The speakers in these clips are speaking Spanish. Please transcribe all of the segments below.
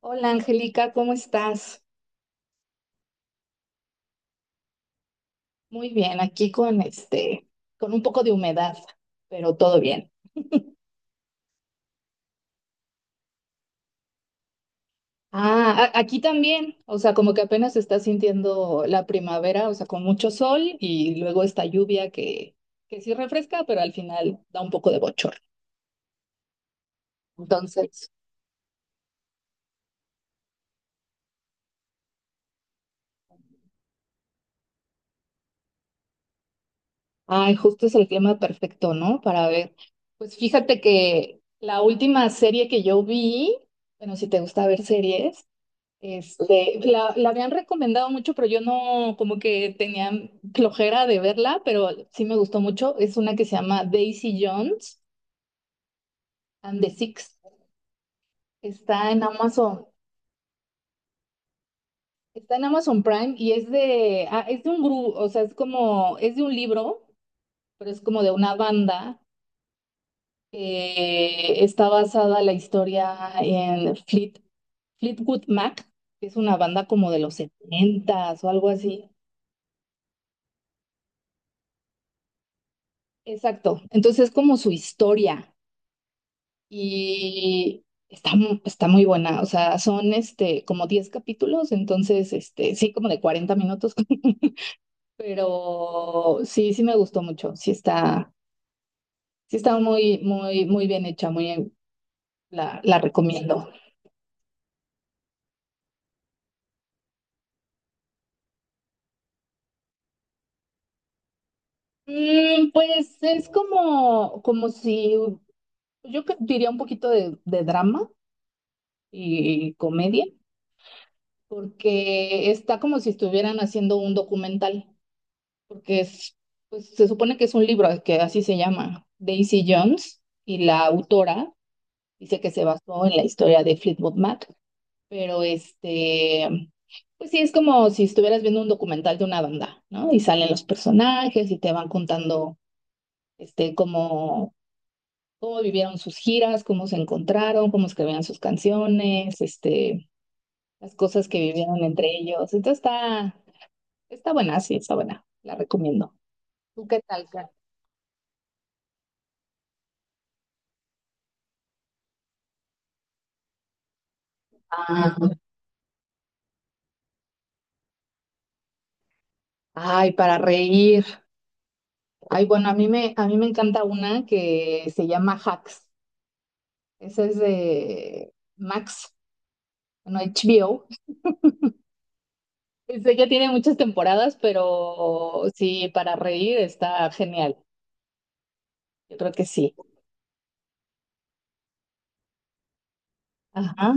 Hola Angélica, ¿cómo estás? Muy bien, aquí con este, con un poco de humedad, pero todo bien. Ah, aquí también, o sea, como que apenas se está sintiendo la primavera, o sea, con mucho sol y luego esta lluvia que sí refresca, pero al final da un poco de bochorno. Entonces, ay, justo es el clima perfecto, ¿no? Para ver. Pues fíjate que la última serie que yo vi, bueno, si te gusta ver series. La habían recomendado mucho, pero yo no, como que tenía flojera de verla, pero sí me gustó mucho. Es una que se llama Daisy Jones and the Six. Está en Amazon, está en Amazon Prime y es de un grupo, o sea, es como, es de un libro, pero es como de una banda que está basada la historia en Fleetwood Mac, que es una banda como de los setentas o algo así. Exacto. Entonces es como su historia. Y está, está muy buena, o sea, son como 10 capítulos, entonces, sí, como de 40 minutos, pero sí, sí me gustó mucho, sí está muy, muy, muy bien hecha, muy, la recomiendo. Pues es como, como si, yo diría un poquito de drama y comedia, porque está como si estuvieran haciendo un documental. Porque es, pues, se supone que es un libro que así se llama, Daisy Jones, y la autora dice que se basó en la historia de Fleetwood Mac, pero pues sí, es como si estuvieras viendo un documental de una banda, ¿no? Y salen los personajes y te van contando este, cómo, cómo vivieron sus giras, cómo se encontraron, cómo escribían sus canciones, las cosas que vivieron entre ellos. Entonces está buena, sí, está buena, la recomiendo. ¿Tú qué tal, Kat? Ay, para reír. Ay, bueno, a mí me encanta una que se llama Hacks. Esa es de Max, bueno, HBO. Este ya tiene muchas temporadas, pero sí, para reír está genial. Yo creo que sí. Ajá.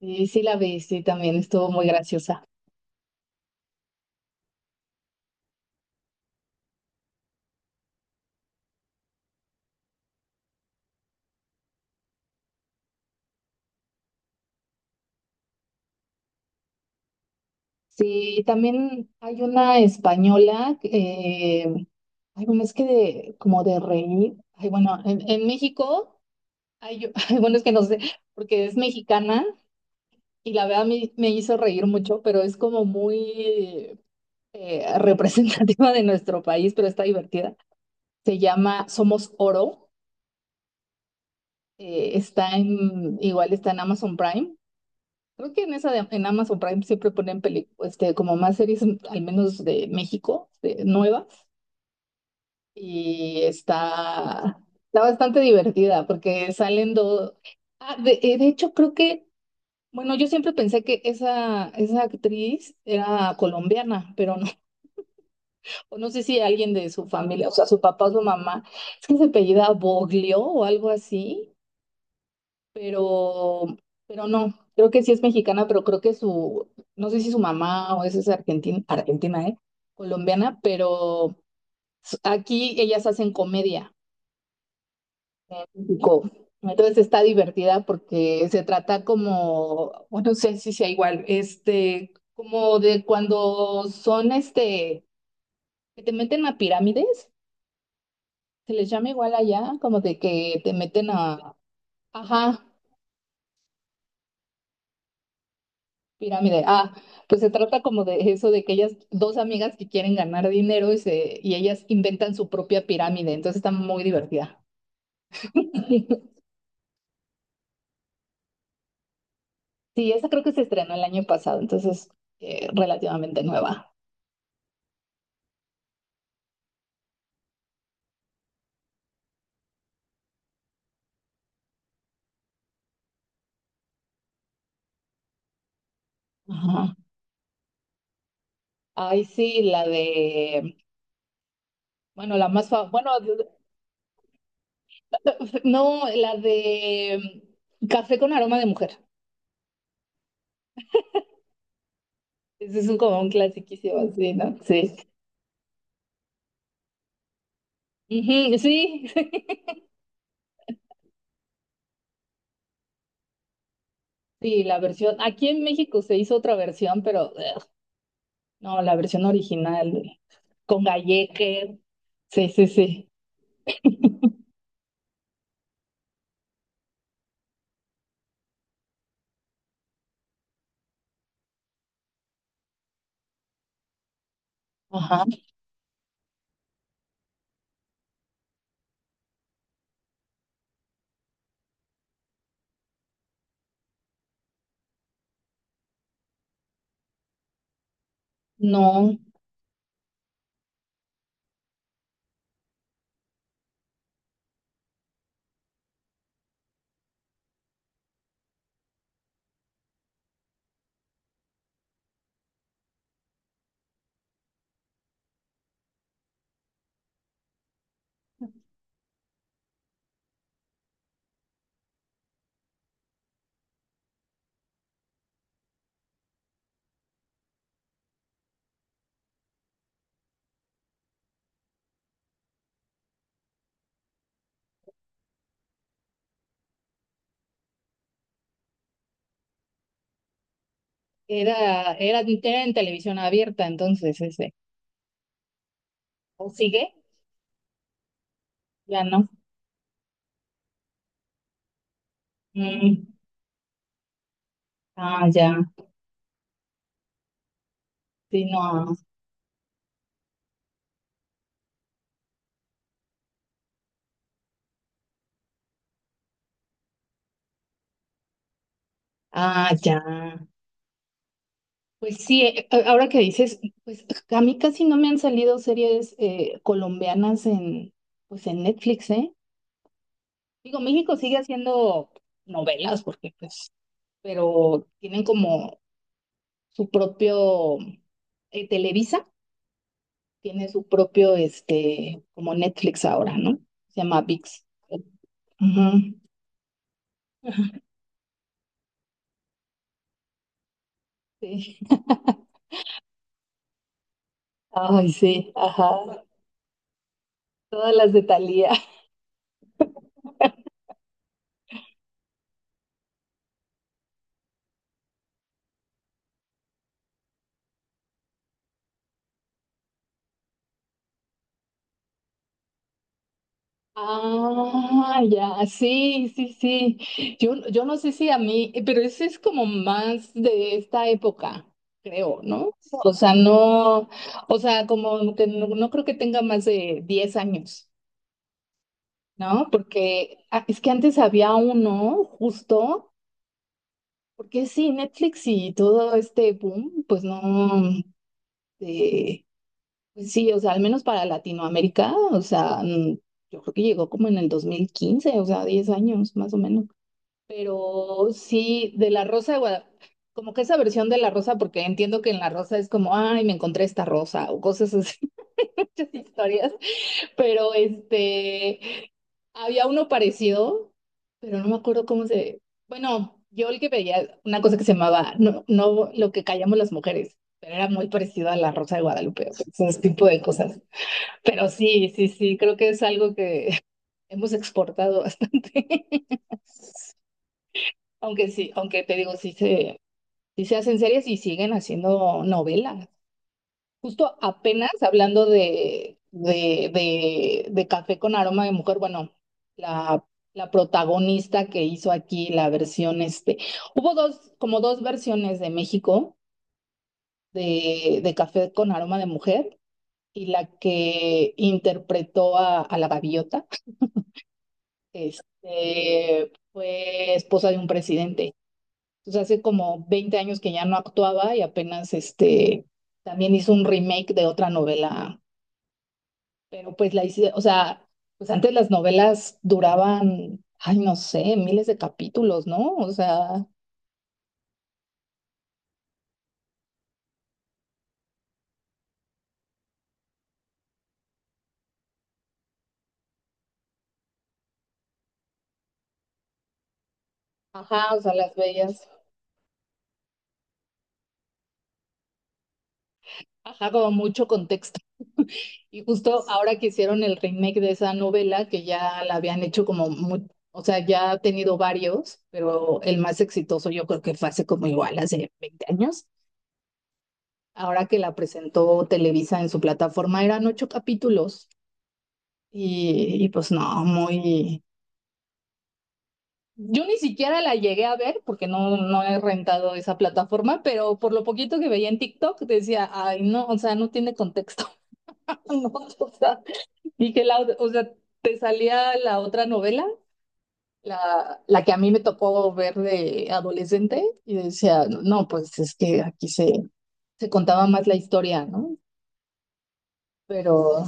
Sí, sí la vi, sí, también estuvo muy graciosa. Sí, también hay una española, ay, bueno, es que de, como de reír. Ay, bueno, en México, hay, ay, bueno, es que no sé, porque es mexicana y la verdad me hizo reír mucho, pero es como muy representativa de nuestro país, pero está divertida. Se llama Somos Oro, igual está en Amazon Prime. Creo que en esa en Amazon Prime siempre ponen como más series, al menos de México, nuevas, y está bastante divertida porque salen dos... De hecho, creo que... Bueno, yo siempre pensé que esa actriz era colombiana, pero no, o no sé si alguien de su familia, o sea, su papá o su mamá, es que se apellida Boglio o algo así, pero, pero no, creo que sí es mexicana, pero creo que su, no sé si su mamá o esa es argentina, argentina, ¿eh? Colombiana, pero aquí ellas hacen comedia, en México. Entonces está divertida porque se trata como, bueno, no sé si sea igual, como de cuando son, que te meten a pirámides. Se les llama igual allá, como de que te meten a, ajá, pirámide. Ah, pues se trata como de eso, de que ellas, dos amigas que quieren ganar dinero y ellas inventan su propia pirámide, entonces está muy divertida. Sí, esa creo que se estrenó el año pasado, entonces relativamente nueva. Ajá. Ay, sí, la de, bueno, la más famosa, bueno, no, la de Café con aroma de mujer. Ese es un, como un clasiquísimo, sí, ¿no? Sí. Ujú, sí. Sí, la versión. Aquí en México se hizo otra versión, pero ugh, no, la versión original, güey, con Galleque. Sí, sí, sí. Ajá. No, era en televisión abierta, entonces ese. ¿O sigue? Ya no. Mm. Ah, ya. Sí, no. Ah, ya. Pues sí, ahora que dices, pues a mí casi no me han salido series colombianas en, pues en Netflix, ¿eh? Digo, México sigue haciendo novelas porque pues pero tienen como su propio, Televisa tiene su propio, como Netflix ahora, ¿no? Se llama ViX. Ujú. Sí. Ay, sí, ajá. Todas las de Thalía. Ah, ya, sí, sí, sí. Yo no sé si a mí, pero ese es como más de esta época, creo, ¿no? O sea, no, o sea, como que no, no creo que tenga más de 10 años. ¿No? Porque es que antes había uno justo, porque sí, Netflix y todo este boom, pues no, eh, pues sí, o sea, al menos para Latinoamérica, o sea, yo creo que llegó como en el 2015 o sea, 10 años más o menos. Pero sí, de La Rosa de Guadalupe, como que esa versión de La Rosa, porque entiendo que en La Rosa es como, ay, me encontré esta rosa o cosas así, muchas historias, pero este... Había uno parecido, pero no me acuerdo cómo se... Bueno, yo el que veía una cosa que se llamaba, no, no lo que callamos las mujeres, pero era muy parecido a La Rosa de Guadalupe, o sea, ese tipo de cosas. Pero sí, sí, sí, creo que es algo que hemos exportado bastante. Aunque sí, aunque te digo, sí se hacen series y siguen haciendo novelas. Justo apenas hablando de Café con Aroma de Mujer, bueno, la, la protagonista que hizo aquí la versión, hubo dos, como dos versiones de México de Café con Aroma de Mujer y la que interpretó a la gaviota, fue esposa de un presidente. Entonces hace como 20 años que ya no actuaba y apenas también hizo un remake de otra novela, pero pues la hice, o sea, pues antes las novelas duraban, ay, no sé, miles de capítulos, ¿no? O sea, ajá, o sea, las veías, ajá, como mucho contexto. Y justo ahora que hicieron el remake de esa novela, que ya la habían hecho como, o sea, ya ha tenido varios, pero el más exitoso yo creo que fue hace como igual, hace 20 años. Ahora que la presentó Televisa en su plataforma, eran ocho capítulos y pues no, yo ni siquiera la llegué a ver porque no, no he rentado esa plataforma, pero por lo poquito que veía en TikTok decía, ay, no, o sea, no tiene contexto. No, o sea, dije, o sea, te salía la otra novela, la que a mí me tocó ver de adolescente, y decía, no, pues es que aquí se contaba más la historia, ¿no? Pero,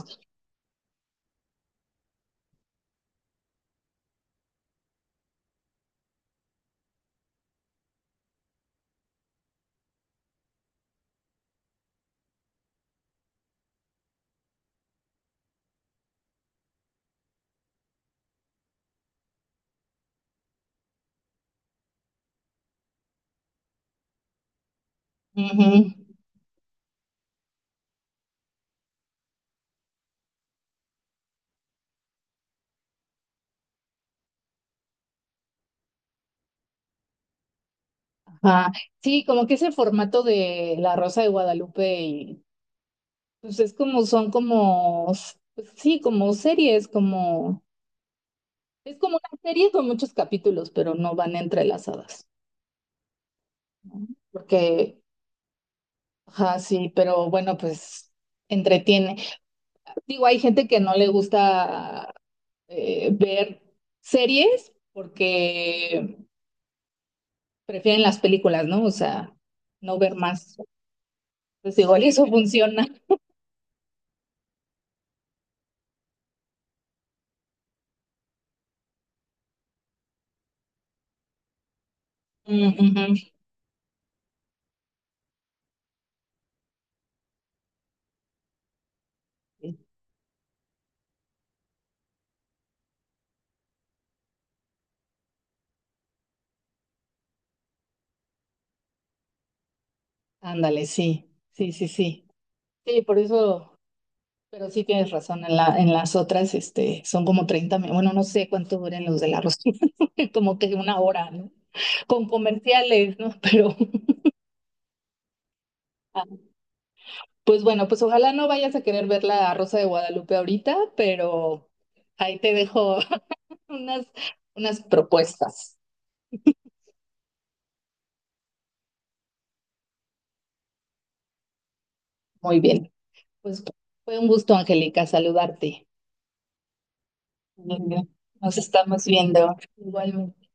ujú, ajá. Sí, como que ese formato de La Rosa de Guadalupe y pues es como, son como, pues sí, como series, como, es como una serie con muchos capítulos, pero no van entrelazadas, ¿no? Porque, ajá, sí, pero bueno, pues entretiene. Digo, hay gente que no le gusta ver series porque prefieren las películas, ¿no? O sea, no ver más. Pues igual eso funciona. Mm, ujú. Ándale, sí, sí, sí, sí. Sí, por eso. Pero sí tienes razón, en las otras son como 30 minutos, bueno, no sé cuánto duran los de la rosita como que una hora, ¿no? Con comerciales, ¿no? Pero, ah, pues bueno, pues ojalá no vayas a querer ver la Rosa de Guadalupe ahorita, pero ahí te dejo unas, unas propuestas. Muy bien, pues fue un gusto, Angélica, saludarte. Muy bien. Nos estamos viendo. Igualmente.